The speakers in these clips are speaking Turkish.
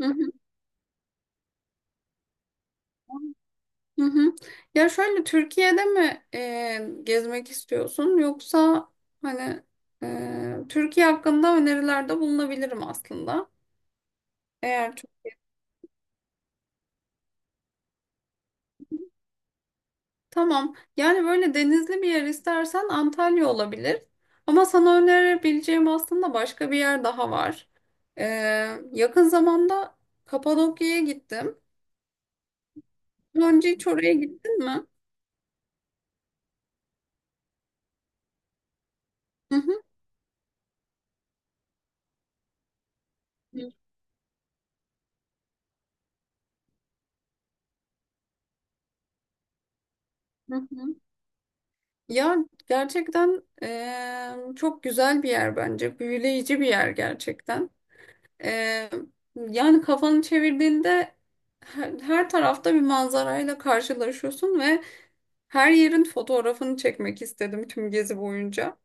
Hı hı. Hı hı. Ya şöyle Türkiye'de mi gezmek istiyorsun, yoksa hani Türkiye hakkında önerilerde bulunabilirim aslında. Eğer çok, tamam, yani böyle denizli bir yer istersen Antalya olabilir. Ama sana önerebileceğim aslında başka bir yer daha var. E, Yakın zamanda Kapadokya'ya gittim. Daha önce hiç oraya gittin mi? Hı hı. Hı hı. Ya gerçekten çok güzel bir yer bence. Büyüleyici bir yer gerçekten. Eee, Yani kafanı çevirdiğinde her tarafta bir manzarayla karşılaşıyorsun ve her yerin fotoğrafını çekmek istedim tüm gezi boyunca.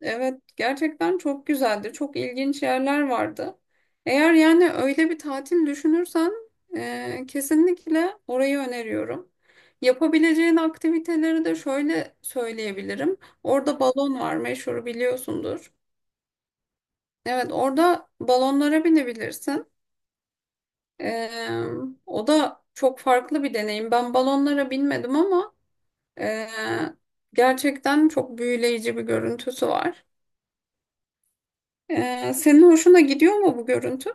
Evet, gerçekten çok güzeldi. Çok ilginç yerler vardı. Eğer yani öyle bir tatil düşünürsen, kesinlikle orayı öneriyorum. Yapabileceğin aktiviteleri de şöyle söyleyebilirim. Orada balon var, meşhur biliyorsundur. Evet, orada balonlara binebilirsin. E, O da çok farklı bir deneyim. Ben balonlara binmedim, ama e, gerçekten çok büyüleyici bir görüntüsü var. Senin hoşuna gidiyor mu bu görüntü?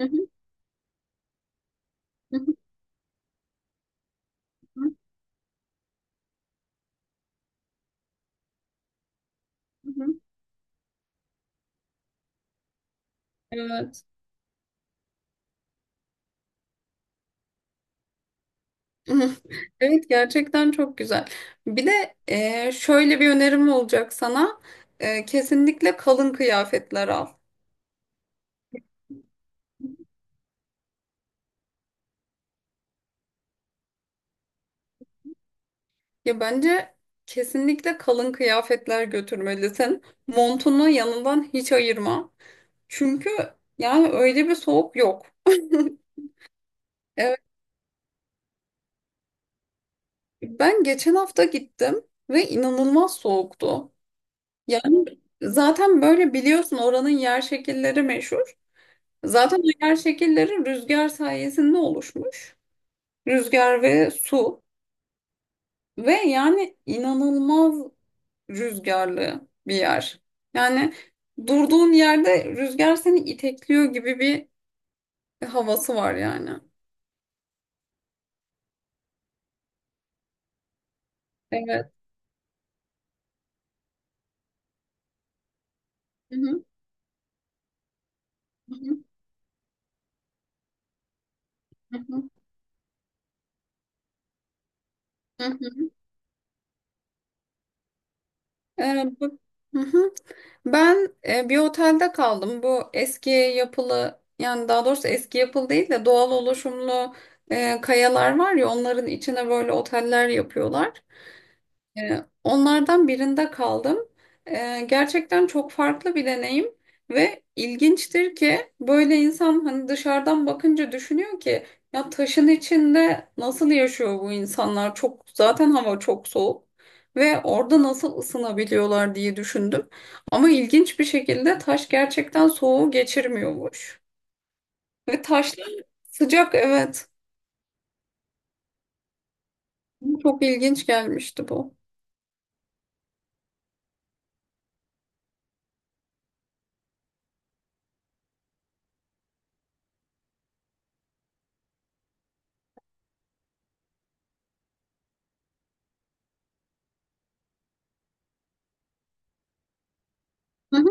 Hı hı, hı hı, hı hı, hı. Evet. Evet, gerçekten çok güzel. Bir de şöyle bir önerim olacak sana. Kesinlikle kalın kıyafetler al. Ya bence kesinlikle kalın kıyafetler götürmelisin. Montunu yanından hiç ayırma. Çünkü yani öyle bir soğuk yok. Evet, ben geçen hafta gittim ve inanılmaz soğuktu. Yani zaten böyle biliyorsun, oranın yer şekilleri meşhur. Zaten o yer şekilleri rüzgar sayesinde oluşmuş. Rüzgar ve su, ve yani inanılmaz rüzgarlı bir yer. Yani durduğun yerde rüzgar seni itekliyor gibi bir havası var yani. Evet. Hı hı. Hı hı. Hı hı. Ee, bu- Hı hı. Ben bir otelde kaldım. Bu eski yapılı, yani daha doğrusu eski yapılı değil de doğal oluşumlu kayalar var ya, onların içine böyle oteller yapıyorlar. Onlardan birinde kaldım. Gerçekten çok farklı bir deneyim ve ilginçtir ki böyle insan hani dışarıdan bakınca düşünüyor ki, ya taşın içinde nasıl yaşıyor bu insanlar? Çok, zaten hava çok soğuk ve orada nasıl ısınabiliyorlar diye düşündüm. Ama ilginç bir şekilde taş gerçekten soğuğu geçirmiyormuş. Ve taşlar sıcak, evet. Çok ilginç gelmişti bu.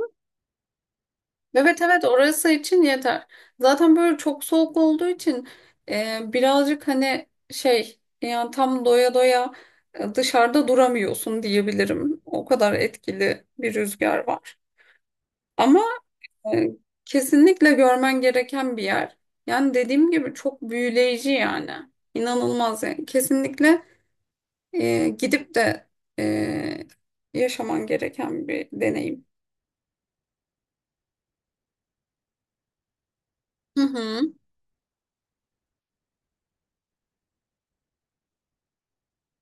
Evet, evet, orası için yeter. Zaten böyle çok soğuk olduğu için birazcık, hani şey, yani tam doya doya dışarıda duramıyorsun diyebilirim. O kadar etkili bir rüzgar var. Ama e, kesinlikle görmen gereken bir yer. Yani dediğim gibi çok büyüleyici yani. İnanılmaz yani. Kesinlikle gidip de e, yaşaman gereken bir deneyim. Hı hı,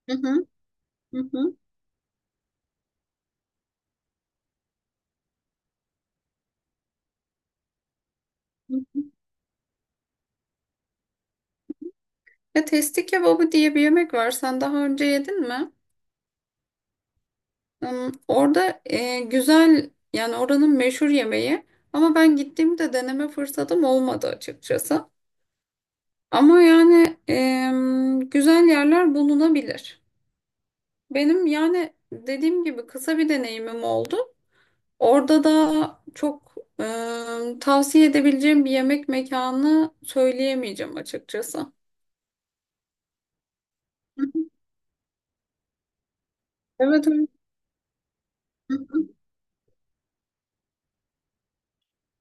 hı hı, hı hı. Ya testi kebabı diye bir yemek var. Sen daha önce yedin mi? Orada güzel, yani oranın meşhur yemeği. Ama ben gittiğimde deneme fırsatım olmadı açıkçası. Ama yani güzel yerler bulunabilir. Benim yani dediğim gibi kısa bir deneyimim oldu. Orada da çok tavsiye edebileceğim bir yemek mekanı söyleyemeyeceğim açıkçası. Evet, evet.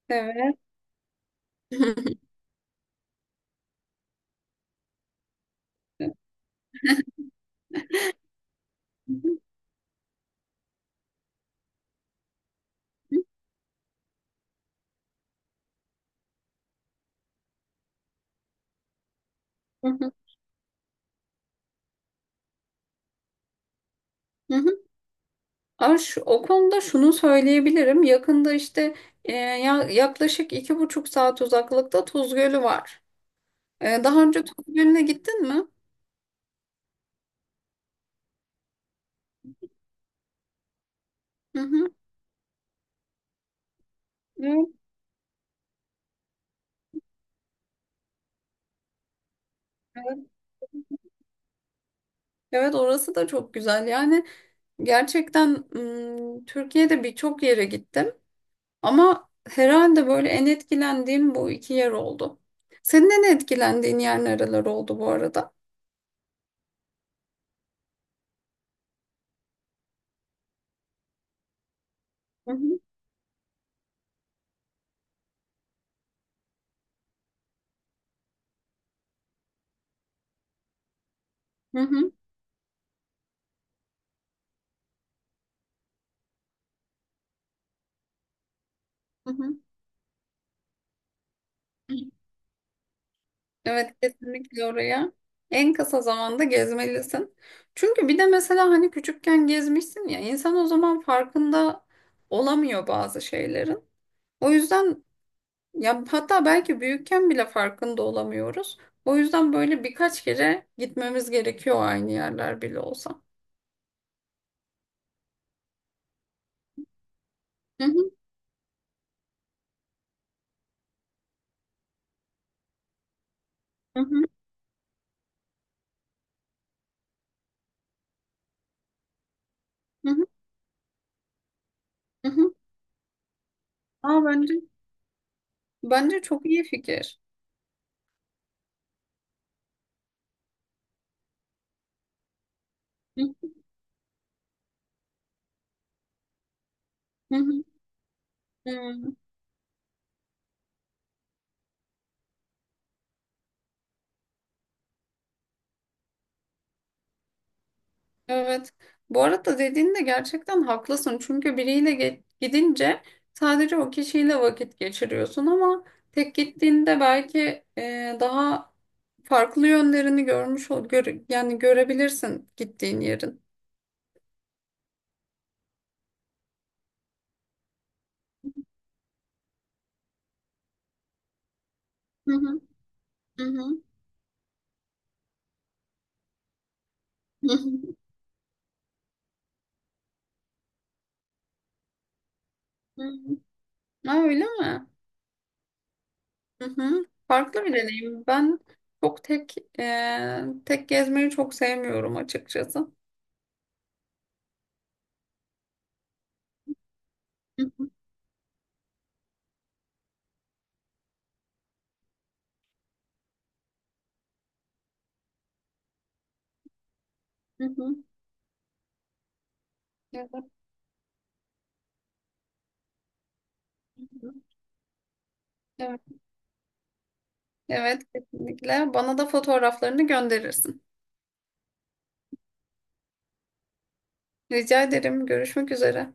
Evet. Hı hı. Hı hı. Hı hı. Ama o konuda şunu söyleyebilirim. Yakında işte yaklaşık iki buçuk saat uzaklıkta Tuz Gölü var. Daha önce Tuz Gölü'ne gittin mi? Hı hı. Evet, evet. Evet, orası da çok güzel. Yani gerçekten Türkiye'de birçok yere gittim. Ama herhalde böyle en etkilendiğim bu iki yer oldu. Senin en etkilendiğin yer nereler oldu bu arada? Hı hı. Hı hı. Hı hı. Evet, kesinlikle oraya en kısa zamanda gezmelisin. Çünkü bir de mesela hani küçükken gezmişsin ya, insan o zaman farkında olamıyor bazı şeylerin. O yüzden, ya hatta belki büyükken bile farkında olamıyoruz. O yüzden böyle birkaç kere gitmemiz gerekiyor, aynı yerler bile olsa. Hı hı, hı hı, hı. Hı. Aa, bence çok iyi fikir. Hı hı, hı. Hı. Evet. Bu arada dediğinde gerçekten haklısın. Çünkü biriyle gidince sadece o kişiyle vakit geçiriyorsun, ama tek gittiğinde belki daha farklı yönlerini görmüş ol gör yani görebilirsin gittiğin yerin. Hı hı, hı hı, hı hı, hı hı. Ha, öyle mi? Hı hı. Farklı bir deneyim. Ben çok tek gezmeyi çok sevmiyorum açıkçası. Hı hı, hı hı. Evet. Evet, kesinlikle. Bana da fotoğraflarını gönderirsin. Rica ederim. Görüşmek üzere.